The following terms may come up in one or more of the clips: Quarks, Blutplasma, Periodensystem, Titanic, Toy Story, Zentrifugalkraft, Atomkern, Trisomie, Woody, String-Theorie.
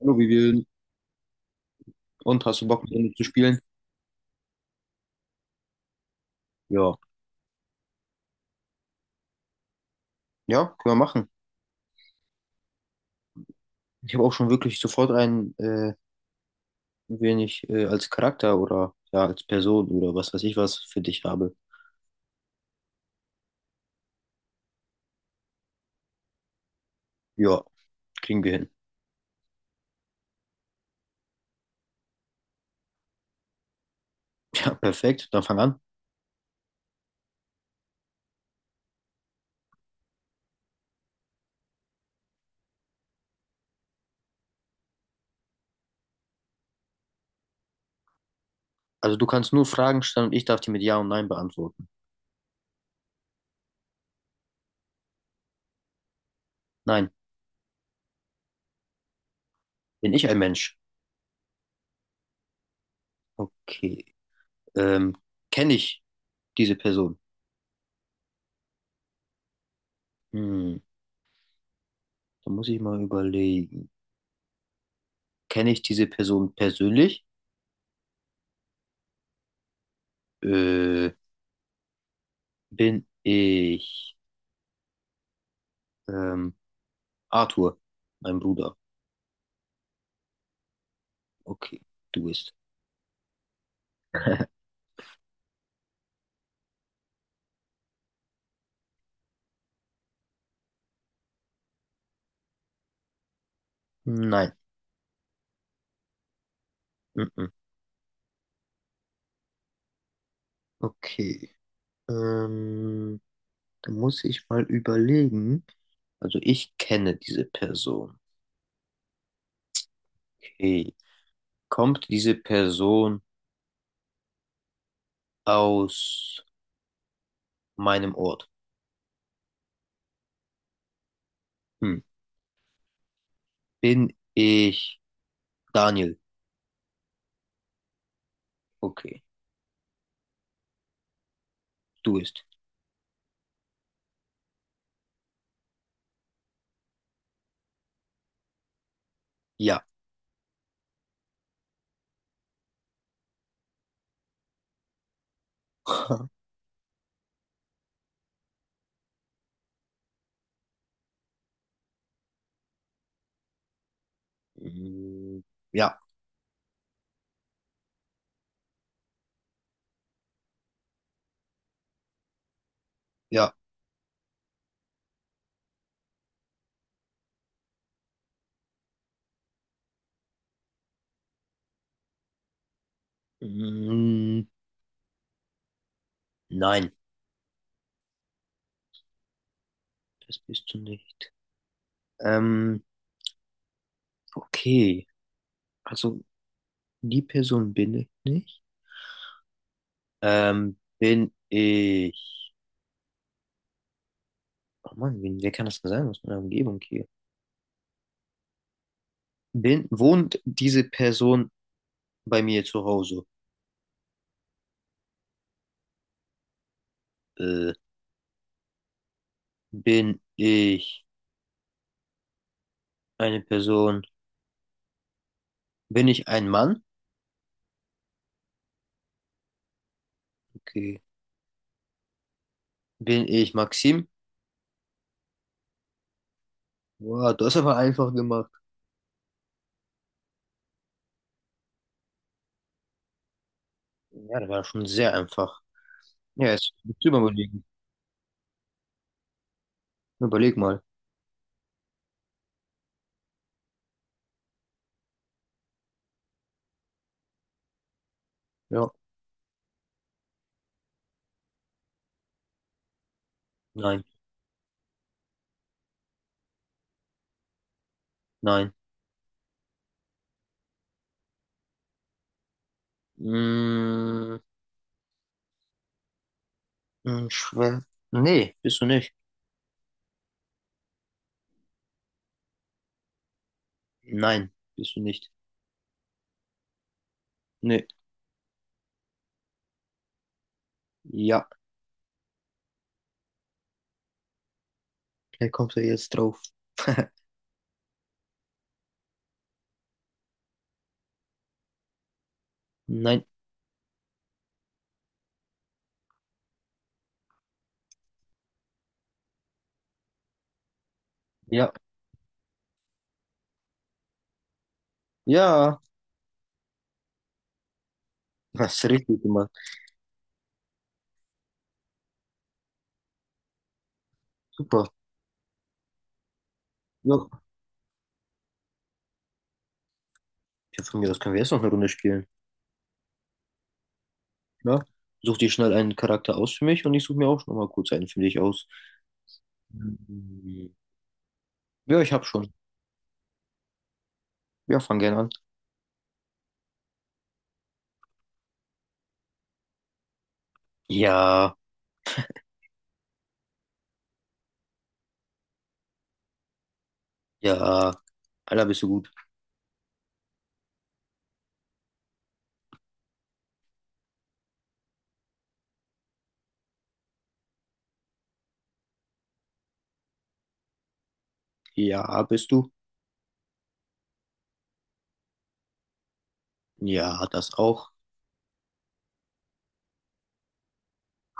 Hallo, wie wir und hast du Bock mit mir zu spielen? Ja. Ja, können wir machen. Ich habe auch schon wirklich sofort einen, wen ich als Charakter oder ja, als Person oder was weiß ich was für dich habe. Ja, kriegen wir hin. Ja, perfekt. Dann fang an. Also du kannst nur Fragen stellen und ich darf die mit Ja und Nein beantworten. Nein, bin ich ein Mensch? Okay. Ähm, Kenne ich diese Person? Hm, da muss ich mal überlegen. Kenne ich diese Person persönlich? Äh, bin ich ähm, Arthur, mein Bruder. Okay, du bist. Nein. Mhm. Okay. Ähm, da muss ich mal überlegen. Also ich kenne diese Person. Okay. Kommt diese Person aus meinem Ort? Hm. Bin ich Daniel? Okay, du bist. Ja. Mm, ja, ja. Mm, nein, das bist du nicht. Ähm, okay. Also die Person bin ich nicht. Bin ich. Oh Mann, wer kann das denn sein aus meiner Umgebung hier? Wohnt diese Person bei mir zu Hause? Äh, bin ich eine Person? Bin ich ein Mann? Okay. Bin ich Maxim? Wow, das hast aber einfach gemacht. Ja, das war schon sehr einfach. Ja, jetzt musst du mal überlegen. Überleg mal. Ja. Nein, nein. Mm, mm, schwer. Nee, bist du nicht. Nein, bist du nicht. Nee. Ja, er kommt er jetzt drauf. Nein. Ja. Ja. Hast richtig gemacht. Super. Ja. Ja, von mir aus können wir jetzt noch eine Runde spielen. Ja. Such dir schnell einen Charakter aus für mich und ich suche mir auch noch mal kurz einen für dich aus. Hm. Ja, ich hab schon. Ja, fang gerne an. Ja. Ja. Alter, bist du gut? Ja, bist du? Ja, das auch.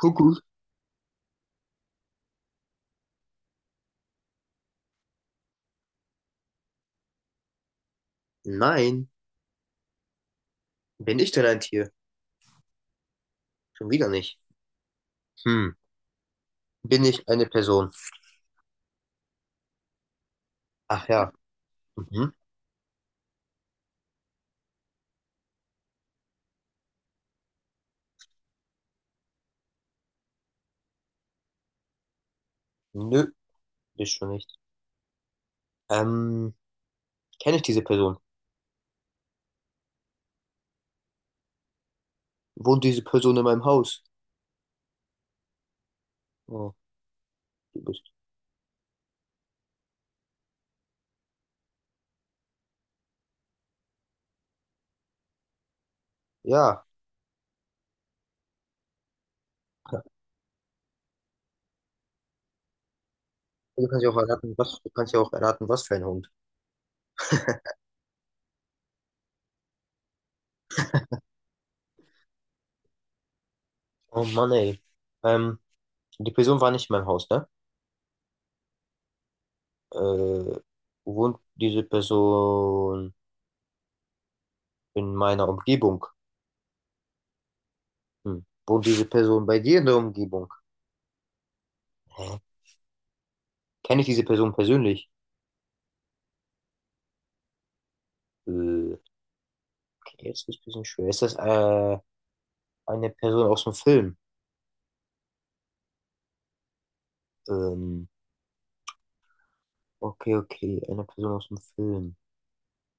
Kuckuck. Nein. Bin ich denn ein Tier? Schon wieder nicht. Hm. Bin ich eine Person? Ach ja. Mhm. Nö, bist du nicht. Ähm. Kenne ich diese Person? Wohnt diese Person in meinem Haus? Oh, du bist. Ja. Du kannst ja auch erraten, du kannst ja auch erraten, was für ein Hund. Oh Mann, ey. Ähm, die Person war nicht in meinem Haus, ne? Äh, wohnt diese Person in meiner Umgebung? Hm. Wohnt diese Person bei dir in der Umgebung? Hä? Kenne ich diese Person persönlich? Äh, okay, jetzt ist ein bisschen schwer. Ist das eine Person aus dem Film? Ähm, okay, okay, eine Person aus dem Film.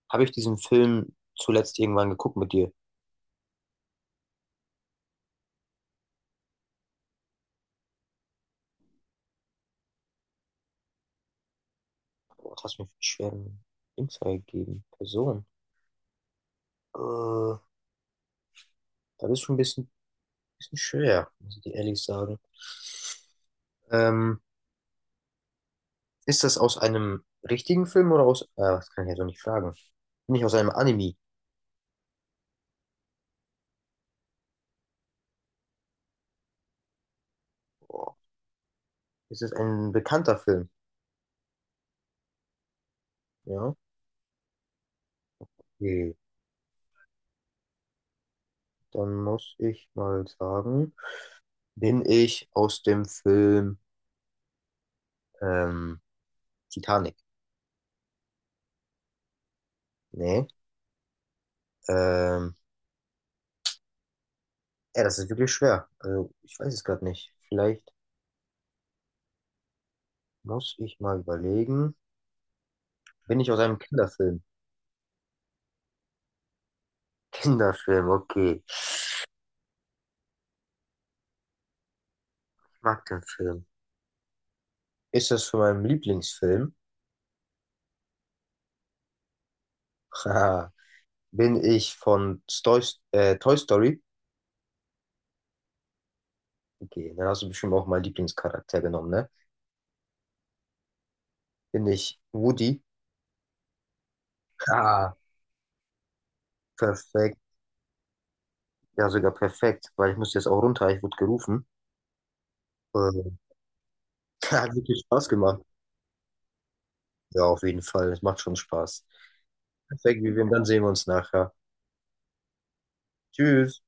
Habe ich diesen Film zuletzt irgendwann geguckt mit dir? Boah, das hast du mir für einen schweren Insight gegeben. Person. Äh, das ist schon ein bisschen schwer, muss ich dir ehrlich sagen. Ähm, ist das aus einem richtigen Film oder aus. Das kann ich ja so nicht fragen. Nicht aus einem Anime. Boah, ist es ein bekannter Film? Ja. Okay. Dann muss ich mal sagen, bin ich aus dem Film ähm, Titanic? Nee. Ähm, ja, das ist wirklich schwer. Also, ich weiß es gerade nicht. Vielleicht. Muss ich mal überlegen. Bin ich aus einem Kinderfilm? Kinderfilm, okay. Ich mag den Film. Ist das von meinem Lieblingsfilm? Haha. Bin ich von Toy Story? Okay, dann hast du bestimmt auch meinen Lieblingscharakter genommen, ne? Bin ich Woody? Ah, perfekt. Ja, sogar perfekt, weil ich muss jetzt auch runter. Ich wurde gerufen. Ähm, hat wirklich Spaß gemacht. Ja, auf jeden Fall. Es macht schon Spaß. Perfekt, Vivian. Dann sehen wir uns nachher. Tschüss.